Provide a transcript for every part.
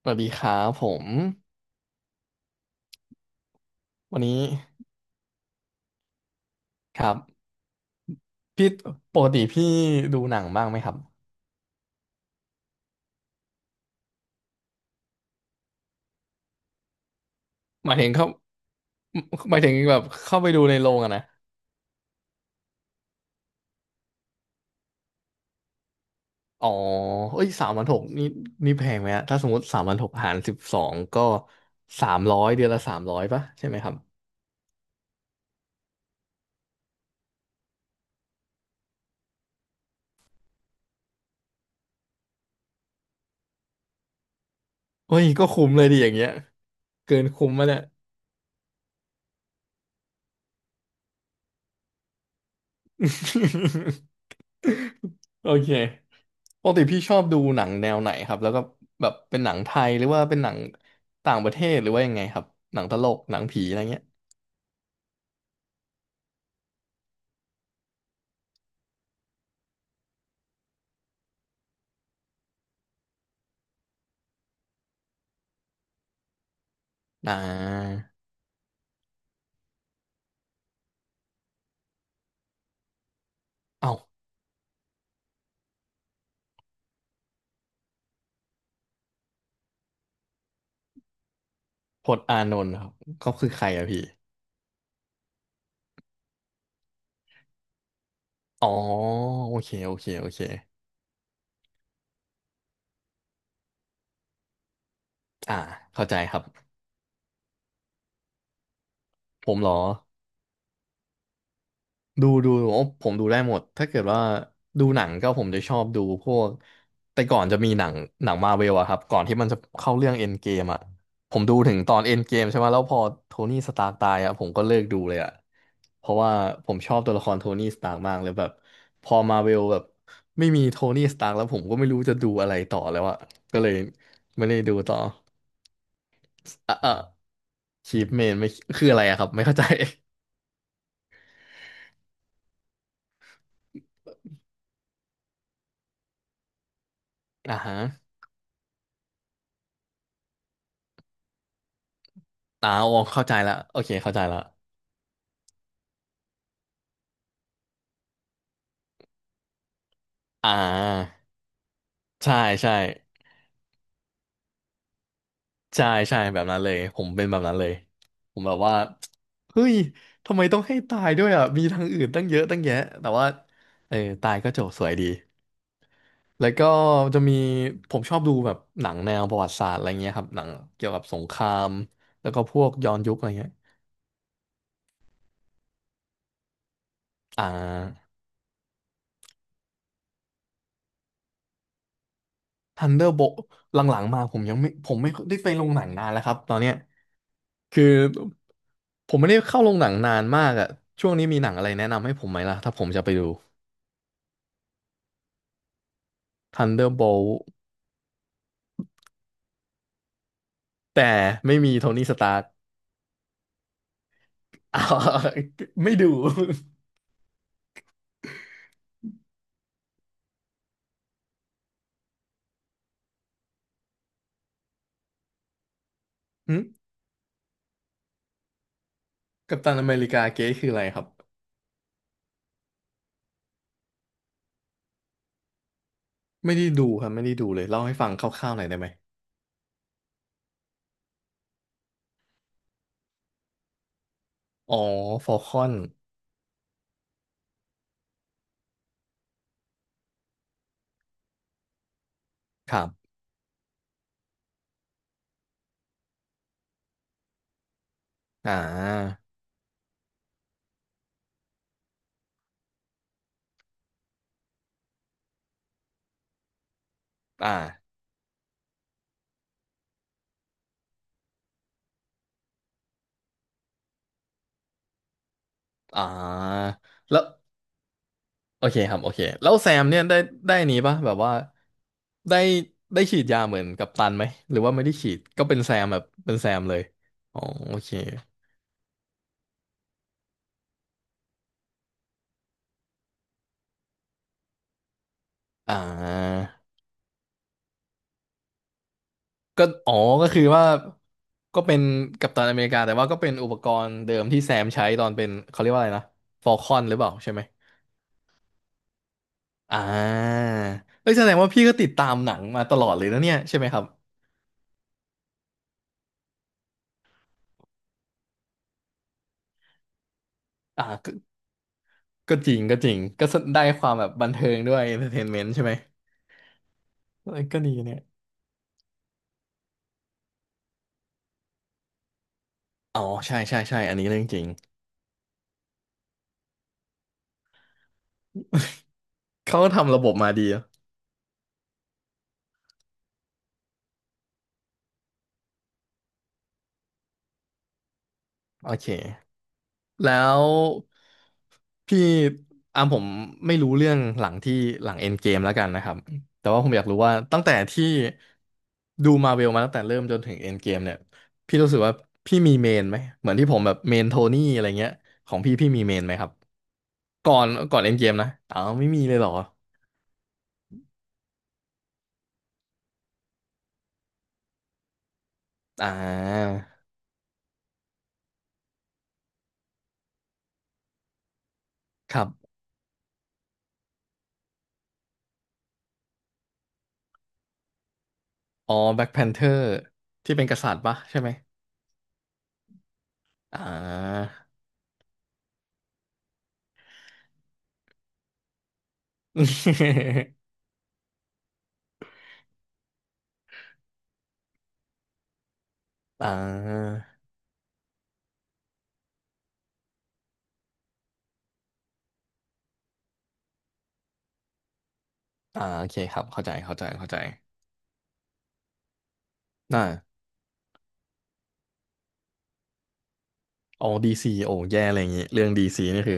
สวัสดีครับผมวันนี้ครับพี่ปกติพี่ดูหนังบ้างไหมครับหมายถึงเข้าหมายถึงแบบเข้าไปดูในโรงอะนะอ๋อเอ้ยสามพันหกนี่นี่แพงไหมฮะถ้าสมมติสามพันหกหารสิบสองก็สามร้อยเดือนละสามร้อยป่ะใช่ไหมครับเฮ้ยก็คุ้มเลยดิอย่างเงี้ยเกินคุ้มมาเนี่ย โอเคปกติพี่ชอบดูหนังแนวไหนครับ แล้วก็แบบเป็นหนังไทยหรือว่าเป็นหนังต่างประเทศหรือว่ายังไงครับ หนังตลกหนังผีอะไรเงี้ยอ่าเอ้าพจน์อานนท์ครับเขาคือใครอะพี่อ๋อโอเคโอเคโอเคอ่าเข้าใจครับ ผมเหรอ ดูโอ้ผมดูได้หมดถ้าเกิดว่าดูหนังก็ผมจะชอบดูพวกแต่ก่อนจะมีหนังมาเวลอะครับก่อนที่มันจะเข้าเรื่องเอ็นเกมอะผมดูถึงตอนเอ็นเกมใช่ไหมแล้วพอโทนี่สตาร์กตายอะผมก็เลิกดูเลยอะเพราะว่าผมชอบตัวละครโทนี่สตาร์กมากเลยแบบพอมาเวลแบบไม่มีโทนี่สตาร์กแล้วผมก็ไม่รู้จะดูอะไรต่อแล้วอะก็เลยไม่ได้ดูต่ออ่ะอ่ะชีฟเมนไม่คืออะไรอะครับไม่เข้าใจ อ่าฮะอ่าโอเข้าใจละโอเคเข้าใจละ อ่าใช่ใช่ใช่ใช่แบบนั้นเลยผมเป็นแบบนั้นเลยผมแบบว่าเฮ้ยทำไมต้องให้ตายด้วยอ่ะมีทางอื่นตั้งเยอะตั้งแยะแต่ว่าเออตายก็จบสวยดีแล้วก็จะมีผมชอบดูแบบหนังแนวประวัติศาสตร์อะไรเงี้ยครับหนังเกี่ยวกับสงครามแล้วก็พวกย้อนยุคอะไรเงี้ยอ่า Thunderbolt หลังๆมาผมไม่ได้ไปลงหนังนานแล้วครับตอนเนี้ยคือผมไม่ได้เข้าโรงหนังนานมากอะช่วงนี้มีหนังอะไรแนะนำให้ผมไหมล่ะถ้าผมจะไปดู ทันเดอร์โบลต์แต่ไม่มีโทนี่สตาร์กอ้าว ไม่ดู หึกัปตันอเมริกาเก๊คืออะไรครับไม่ได้ดูครับไม่ได้ดูเลยเล่าให้ฟังคร่าวๆหน่อยได้ไหมอ๋อฟอลคอนครับอ่าอ่าอ่าแล้วโอเคครับโอเคแล้วแซมเนี่ยได้ได้นี้ปะแบบว่าได้ได้ฉีดยาเหมือนกัปตันไหมหรือว่าไม่ได้ฉีดก็เป็นแซมแบบเป็นแซมเลยอ๋อโอเคอ่า ก็อ๋อก็คือว่าก็เป็นกัปตันอเมริกาแต่ว่าก็เป็นอุปกรณ์เดิมที่แซมใช้ตอนเป็นเขาเรียกว่าอะไรนะฟอลคอนหรือเปล่าใช่ไหมอ่าเอ้ยแสดงว่าพี่ก็ติดตามหนังมาตลอดเลยนะเนี่ยใช่ไหมครับอ่าก็จริงก็ได้ความแบบบันเทิงด้วย entertainment ใช่ไหมเอ้ยก็ดีเนี่ยอ๋อใช่ใช่ใช่อันนี้เรื่องจริงเขาก็ทำระบบมาดีอะโอเค แล้วพี่อ่ะผมไม่รู้เรื่องหลังเอ็นเกมแล้วกันนะครับแต่ว่าผมอยากรู้ว่าตั้งแต่ที่ดูมาเวลมาตั้งแต่เริ่มจนถึงเอ็นเกมเนี่ยพี่รู้สึกว่าพี่มีเมนไหมเหมือนที่ผมแบบเมนโทนี่อะไรเงี้ยของพี่พี่มีเมนไหมครับก่อนเอ็นเกมนะอ้าวไม่มีเลยเหรออ่าครับอ๋อแบ็คแพนเทอร์ที่เป็นกษัตริย์ปะใช่ไหมอ่า อ่าอ่าโอเคครับเข้าใจเข้าใจเข้าใจ น่าอ๋อดีซีโอ้แย่อะไรอย่างงี้เรื่องดีซีนี่คือ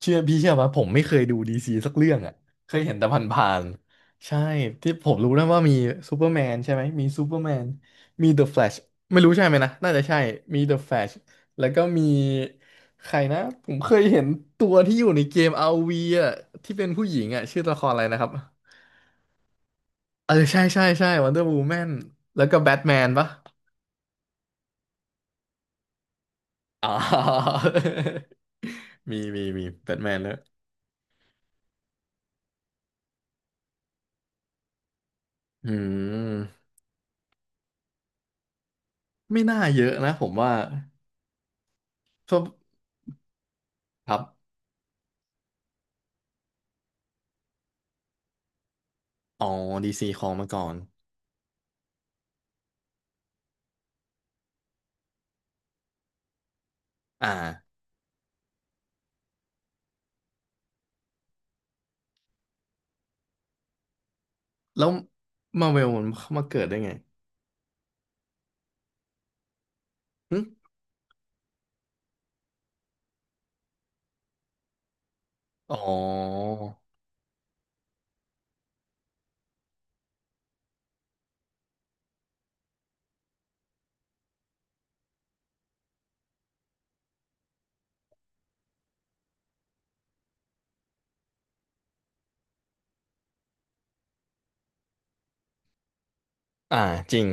เชื่อพี่เชื่อว่าผมไม่เคยดูดีซีสักเรื่องอ่ะเคยเห็นแต่ผ่านๆใช่ที่ผมรู้นะว่ามีซูเปอร์แมนใช่ไหมมีซูเปอร์แมนมีเดอะแฟลชไม่รู้ใช่ไหมนะน่าจะใช่มีเดอะแฟลชแล้วก็มีใครนะผมเคยเห็นตัวที่อยู่ในเกม RV อ่ะที่เป็นผู้หญิงอ่ะชื่อตัวละครอะไรนะครับเออใช่ใช่ใช่วันเดอร์วูแมนแล้วก็แบทแมนปะอ๋อ มีมีมีแบทแมนแล้ว อืมไม่น่าเยอะนะผมว่าก็ครับอ๋อดีซีครองมาก่อนอ่าแล้วมาเวลมันมาเกิดได้ไงหึอ๋ออ่าจริง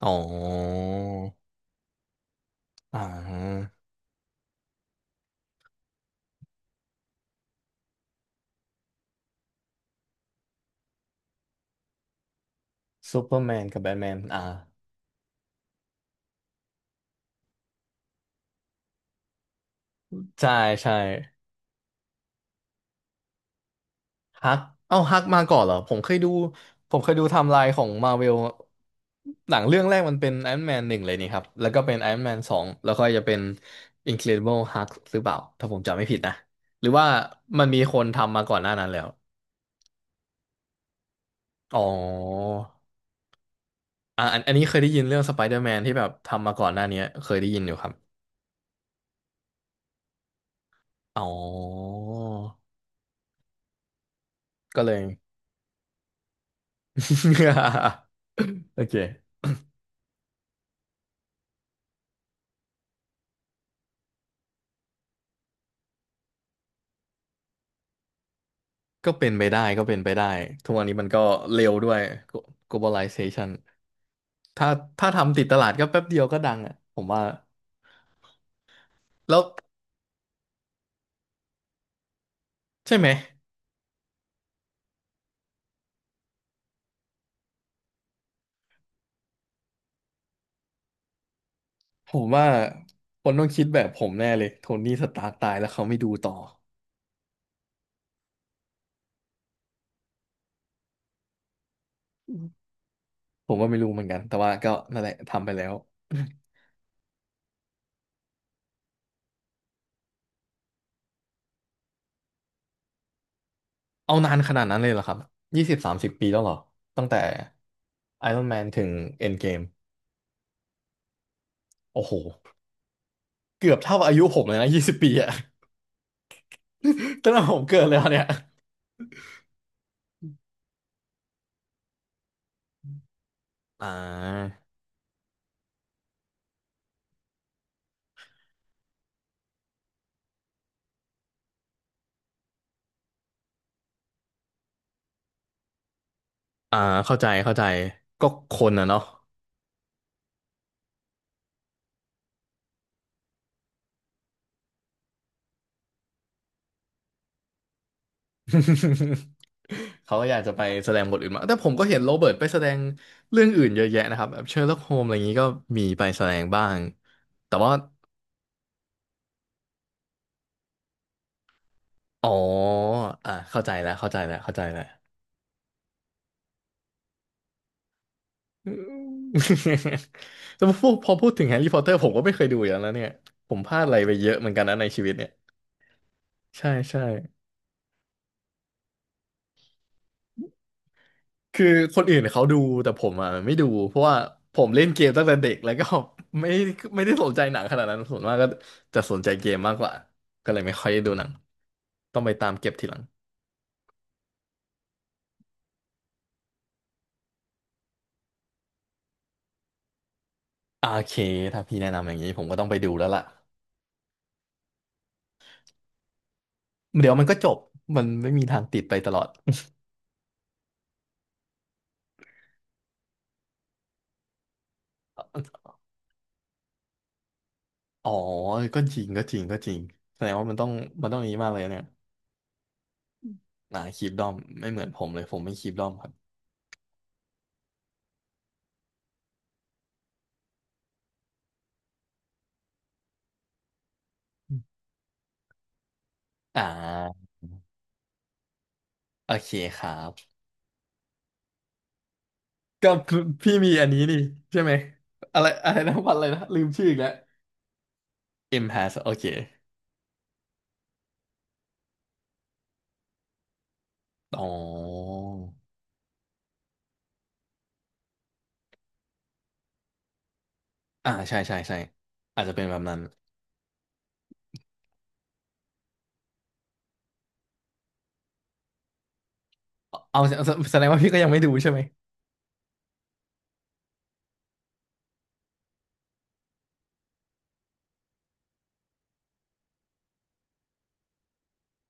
อ๋ออ่าซูเปอร์แมนกับแบทแมนอ่าใช่ ใช่ ฮักเอ้าฮักมาก่อนเหรอผมเคยดูผมเคยดูไทม์ไลน์ของมาเวลหนังเรื่องแรกมันเป็นไอ o n นแมนหนึ่งเลยนี่ครับแล้วก็เป็นไอ o n นแมนสองแล้วก็จะเป็น Incredible Hulk หรือเปล่าถ้าผมจำไม่ผิดนะหรือว่ามันมีคนทำมาก่อนหน้านั้นแล้วอ๋ออ่ะอันนี้เคยได้ยินเรื่องสไปเดอร์แมนที่แบบทำมาก่อนหน้านี้เคยได้ยินอยู่ครับอ๋อก็เลย โอเคก็เป็นไปได้ก็เป็นไปได้ทุกวันนี้มันก็เร็วด้วย globalization ถ้าถ้าทำติดตลาดก็แป๊บเดียวก็ดังอ่ะผมว่าแล้วใช่ไหมผมว่าคนต้องคิดแบบผมแน่เลยโทนี่สตาร์กตายแล้วเขาไม่ดูต่อผมว่าไม่รู้เหมือนกันแต่ว่าก็นั่นแหละทำไปแล้วเอานานขนาดนั้นเลยเหรอครับ20-30 ปีแล้วเหรอตั้งแต่ Iron Man ถึง Endgame โอ้โหเกือบเท่าอายุผมเลยนะ20 ปีอะ ตั้งแต่ผมเกิดแล้วเนี่ยอ่าอ่าเข้าใจเข้าใจก็คนอะเนาะ เขาก็อยากจะไปแสดงบทอื่นมางแต่ผมก็เห็นโรเบิร์ตไปแสดงเรื่องอื่นเยอะแยะนะครับแบบเชอร์ล็อกโฮมอะไรอย่างนี้ก็มีไปแสดงบ้าง แต่ว่าอ๋ออ่ะเข้าใจแล้ว เข้าใจแล้วเข้าใจแล้ว อืม แต่พอพูดถึงแฮร์รี่พอตเตอร์ผมก็ไม่เคยดูอย่างแล้วเนี่ยผมพลาดอะไรไปเยอะเหมือนกันนะในชีวิตเนี่ย ใช่ใช่ คือคนอื่นเขาดูแต่ผมอ่ะไม่ดูเพราะว่าผมเล่นเกมตั้งแต่เด็กแล้วก็ ไม่ไม่ได้สนใจหนังขนาดนั้นส่วนมากก็จะสนใจเกมมากกว่าก็เลยไม่ค่อยได้ดูหนังต้องไปตามเก็บทีหลังโอเคถ้าพี่แนะนำอย่างนี้ผมก็ต้องไปดูแล้วล่ะเดี๋ยวมันก็จบมันไม่มีทางติดไปตลอด อ๋อก็จริงก็จริงก็จริงแสดงว่ามันต้องอย่างนี้มากเลยเนี่ยคีปดอมไม่เหมือนผมเลยผมไม่คีปดอมครับอ่าโอเคครับ กับพี่มีอันนี้นี่ใช่ไหมอะไรอะไรนะวันอะไรนะลืมชื่ออีกแล้ว M has โอเคอ๋ออ่าใช่ใช่ใช่อาจจะเป็นแบบนั้นเอาแสแสดงว่าพี่ก็ยังไม่ดูใช่ไหม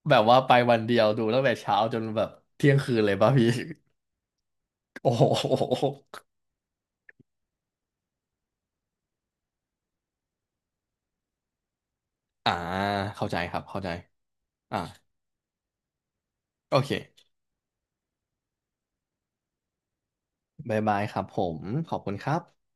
แบบว่าไปวันเดียวดูตั้งแต่เช้าจนแบบเที่ยงคืนเลยป่ะพี่ โอ้โหอ่าเข้าใจครับเข้าใจอ่าโอเคบ๊ายบายครับผมขอบคุณครับ